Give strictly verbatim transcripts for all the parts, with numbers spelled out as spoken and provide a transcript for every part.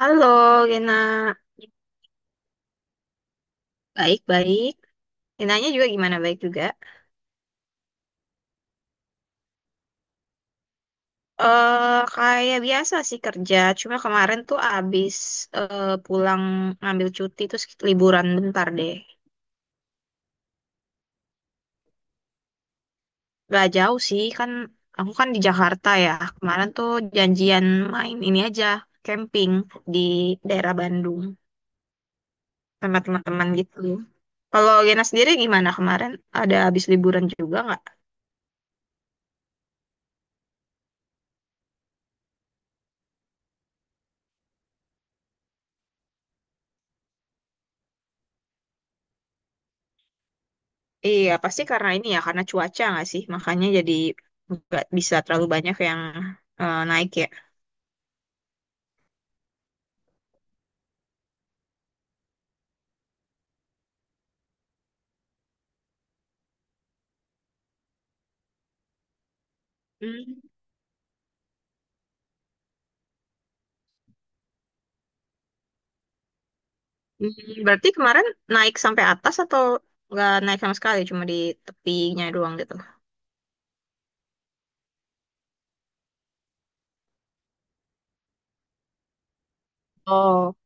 Halo, Gena. Baik-baik. Genanya juga gimana? Baik juga. Eh, kayak biasa sih kerja. Cuma kemarin tuh abis eh, pulang ngambil cuti terus liburan bentar deh. Gak jauh sih, kan aku kan di Jakarta ya. Kemarin tuh janjian main ini aja, camping di daerah Bandung sama teman-teman gitu. Kalau Gena sendiri gimana kemarin? Ada abis liburan juga nggak? Iya, pasti karena ini ya, karena cuaca nggak sih? Makanya jadi nggak bisa terlalu banyak yang eh, naik ya. Hmm. Hmm, Berarti kemarin naik sampai atas atau nggak naik sama sekali, cuma di tepinya doang gitu? Oh.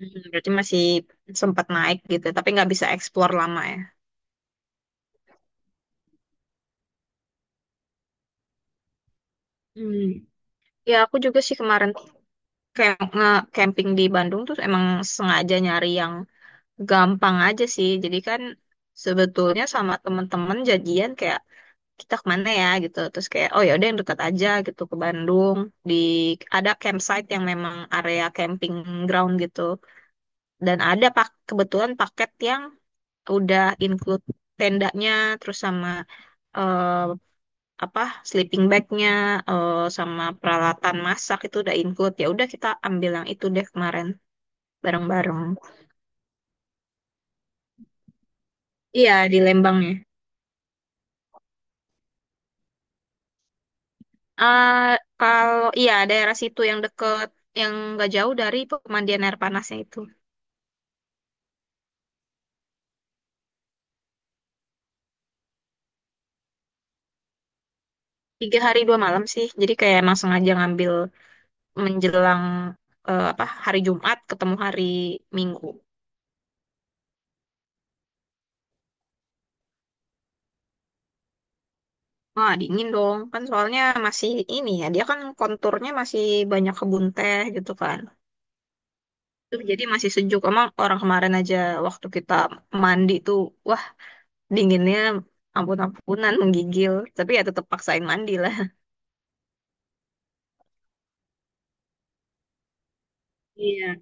Hmm, berarti masih sempat naik gitu, tapi nggak bisa explore lama ya. Hmm. Ya, aku juga sih kemarin kayak nge-camping di Bandung tuh emang sengaja nyari yang gampang aja sih. Jadi kan sebetulnya sama temen-temen jadian kayak kita kemana ya gitu terus kayak oh ya udah yang dekat aja gitu ke Bandung di ada campsite yang memang area camping ground gitu dan ada pak kebetulan paket yang udah include tendanya terus sama eh, apa sleeping bagnya eh, sama peralatan masak itu udah include ya udah kita ambil yang itu deh kemarin bareng-bareng. Iya, di Lembangnya. Eh kalau iya daerah situ yang deket yang nggak jauh dari pemandian air panasnya itu. Tiga hari dua malam sih jadi kayak emang sengaja ngambil menjelang eh, apa hari Jumat ketemu hari Minggu. Wah, dingin dong. Kan soalnya masih ini ya, dia kan konturnya masih banyak kebun teh gitu kan. Tuh, jadi masih sejuk. Emang orang kemarin aja waktu kita mandi tuh, wah dinginnya ampun-ampunan, menggigil. Tapi ya tetap paksain mandi lah. Iya.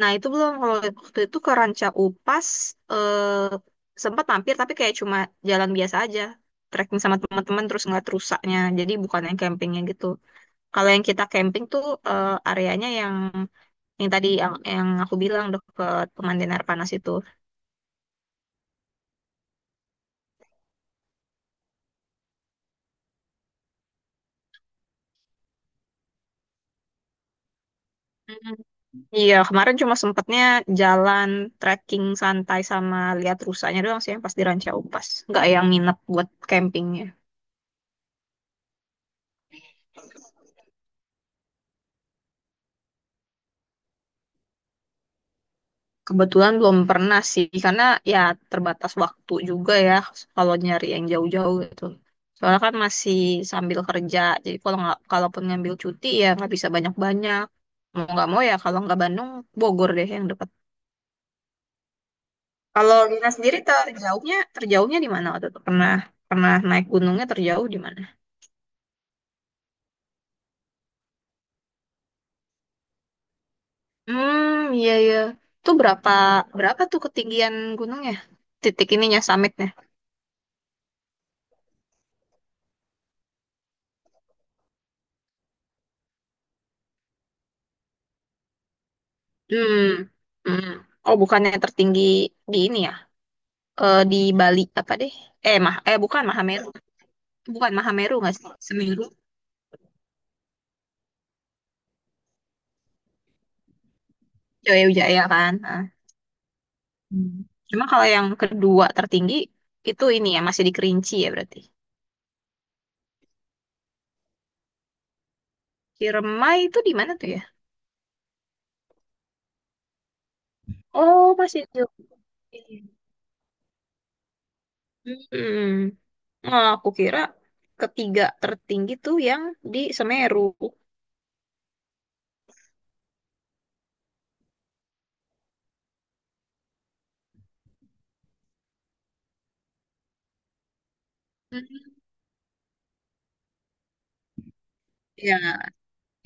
Nah, itu belum kalau waktu itu ke Ranca Upas eh, sempat mampir tapi kayak cuma jalan biasa aja, trekking sama teman-teman terus ngeliat rusaknya. Jadi bukan yang campingnya gitu. Kalau yang kita camping tuh eh, areanya yang yang tadi yang, yang aku bilang deket pemandian air panas itu. Mhm. Iya, kemarin cuma sempatnya jalan trekking santai sama lihat rusaknya doang sih yang pas di Ranca Upas. Nggak yang nginep buat camping. Kebetulan belum pernah sih, karena ya terbatas waktu juga ya kalau nyari yang jauh-jauh gitu. Soalnya kan masih sambil kerja, jadi kalau nggak kalaupun ngambil cuti ya nggak bisa banyak-banyak. Mau nggak mau ya kalau nggak Bandung, Bogor deh yang dekat. Kalau Lina sendiri terjauhnya terjauhnya di mana waktu itu? Pernah pernah naik gunungnya terjauh di mana? Hmm, iya, iya. Itu berapa berapa tuh ketinggian gunungnya? Titik ininya summitnya. Hmm. Hmm. Oh, bukannya tertinggi di ini ya? eh, di Bali apa deh? Eh, mah eh bukan Mahameru. Bukan Mahameru nggak sih? Semeru. Jaya Wijaya kan. Ah. Hmm. Cuma kalau yang kedua tertinggi itu ini ya masih di Kerinci ya berarti. Ciremai itu di mana tuh ya? Oh, masih di Jogja. Hmm. Nah, aku kira ketiga tertinggi tuh yang di Semeru. Hmm. Ya,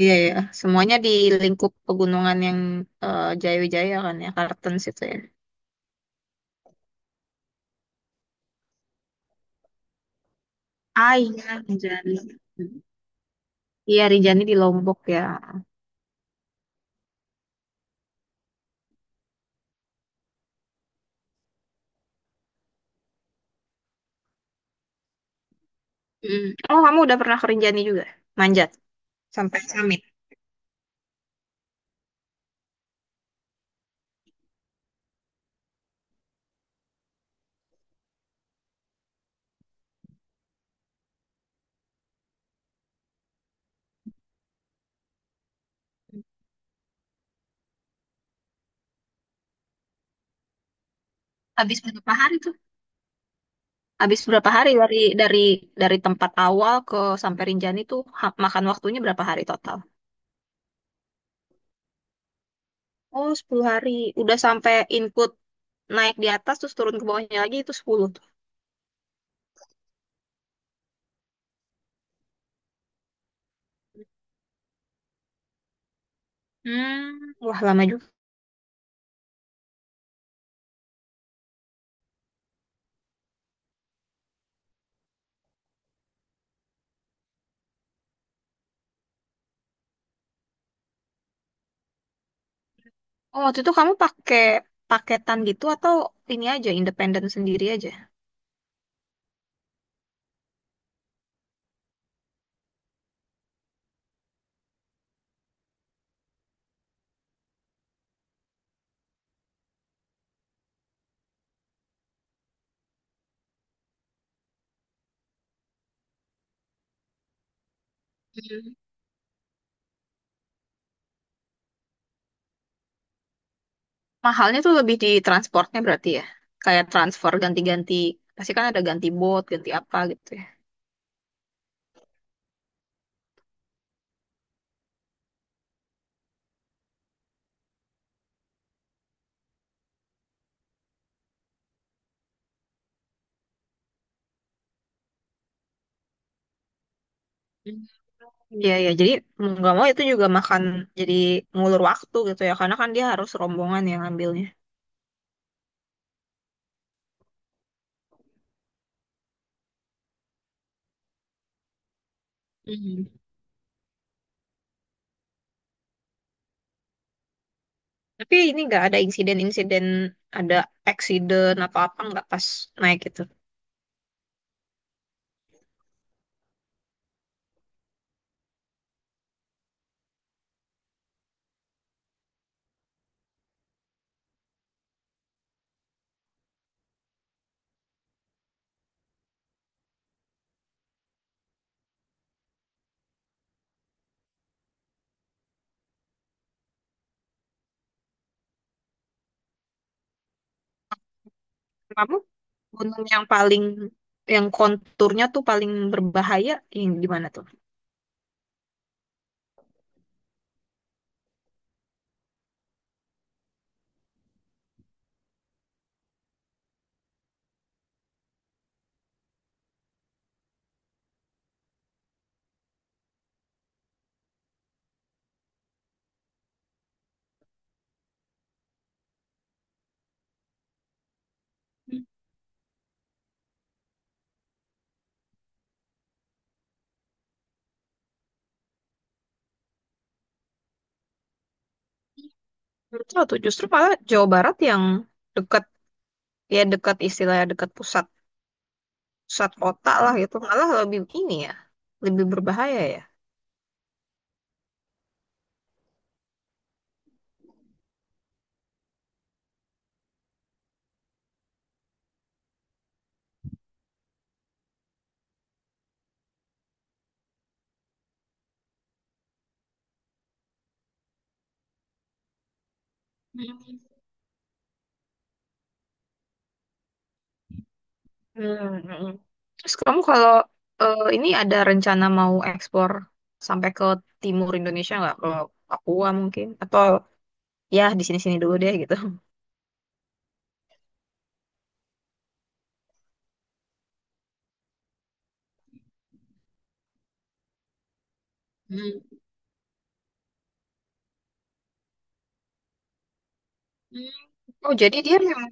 iya ya. Semuanya di lingkup pegunungan yang eh, Jaya Wijaya kan ya, Kartens itu ya. Ah, iya, Anjani. Iya, Rinjani di Lombok ya. Mm. Oh, kamu udah pernah ke Rinjani juga? Manjat sampai summit. Habis berapa hari tuh? Habis berapa hari dari dari dari tempat awal ke sampai Rinjani tuh ha- makan waktunya berapa hari total? Oh, sepuluh hari. Udah sampai input naik di atas terus turun ke bawahnya lagi itu sepuluh tuh. Hmm, wah lama juga. Oh, waktu itu kamu pakai paketan gitu atau ini aja independen sendiri aja? Hmm. Mahalnya tuh lebih di transportnya berarti ya. Kayak transfer ganti-ganti. Pasti kan ada ganti bot, ganti apa gitu ya. Hmm. Iya, ya. Jadi mau nggak mau itu juga makan jadi ngulur waktu gitu ya. Karena kan dia harus rombongan yang ngambilnya. Mhm. Tapi ini nggak ada insiden-insiden, ada accident atau apa nggak pas naik gitu. Kamu gunung yang paling, yang konturnya tuh paling berbahaya yang di mana tuh? Mhm. Menurut lo tuh justru malah Jawa Barat yang dekat, ya dekat istilahnya dekat pusat. Pusat kota lah itu malah lebih ini ya lebih berbahaya ya. Hmm, hmm. Terus kamu kalau eh, ini ada rencana mau ekspor sampai ke timur Indonesia nggak? Ke Papua mungkin? Atau ya di sini-sini dulu deh gitu. Hmm. Hmm. Oh, jadi dia memang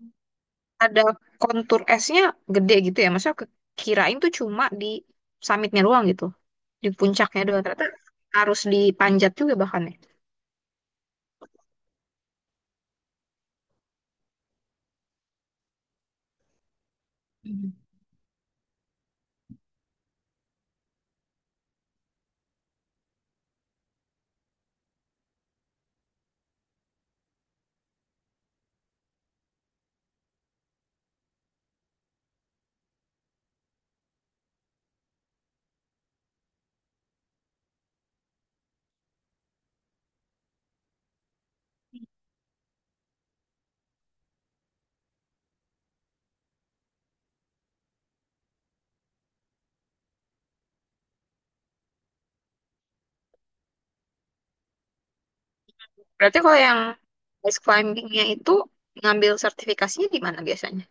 ada kontur esnya gede gitu ya? Maksudnya ke- kirain tuh cuma di summitnya doang gitu, di puncaknya doang. Ternyata harus dipanjat juga bahkan ya. Berarti kalau yang ice climbingnya itu ngambil sertifikasinya di mana biasanya?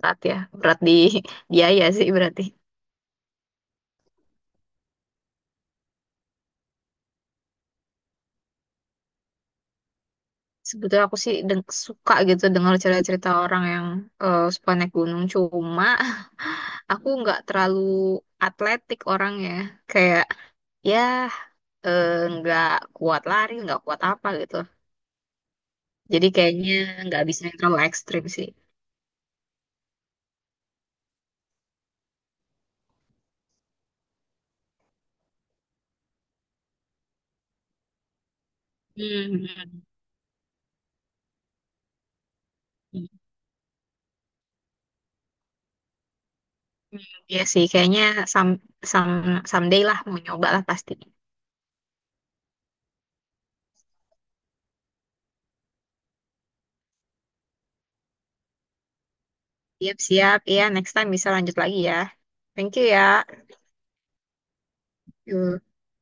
Berat ya, berat di biaya sih berarti. Sebetulnya aku sih deng- suka gitu dengar cerita-cerita orang yang eh, suka naik gunung. Cuma aku nggak terlalu atletik orangnya. Kayak ya eh, nggak kuat lari, nggak kuat apa gitu. Jadi kayaknya nggak bisa yang terlalu ekstrim sih. Hmm, hmm, hmm. Iya sih, kayaknya some, some, someday lah mau nyoba lah pasti. Siap-siap. Iya, next time bisa lanjut lagi ya. Thank you ya. Yuk.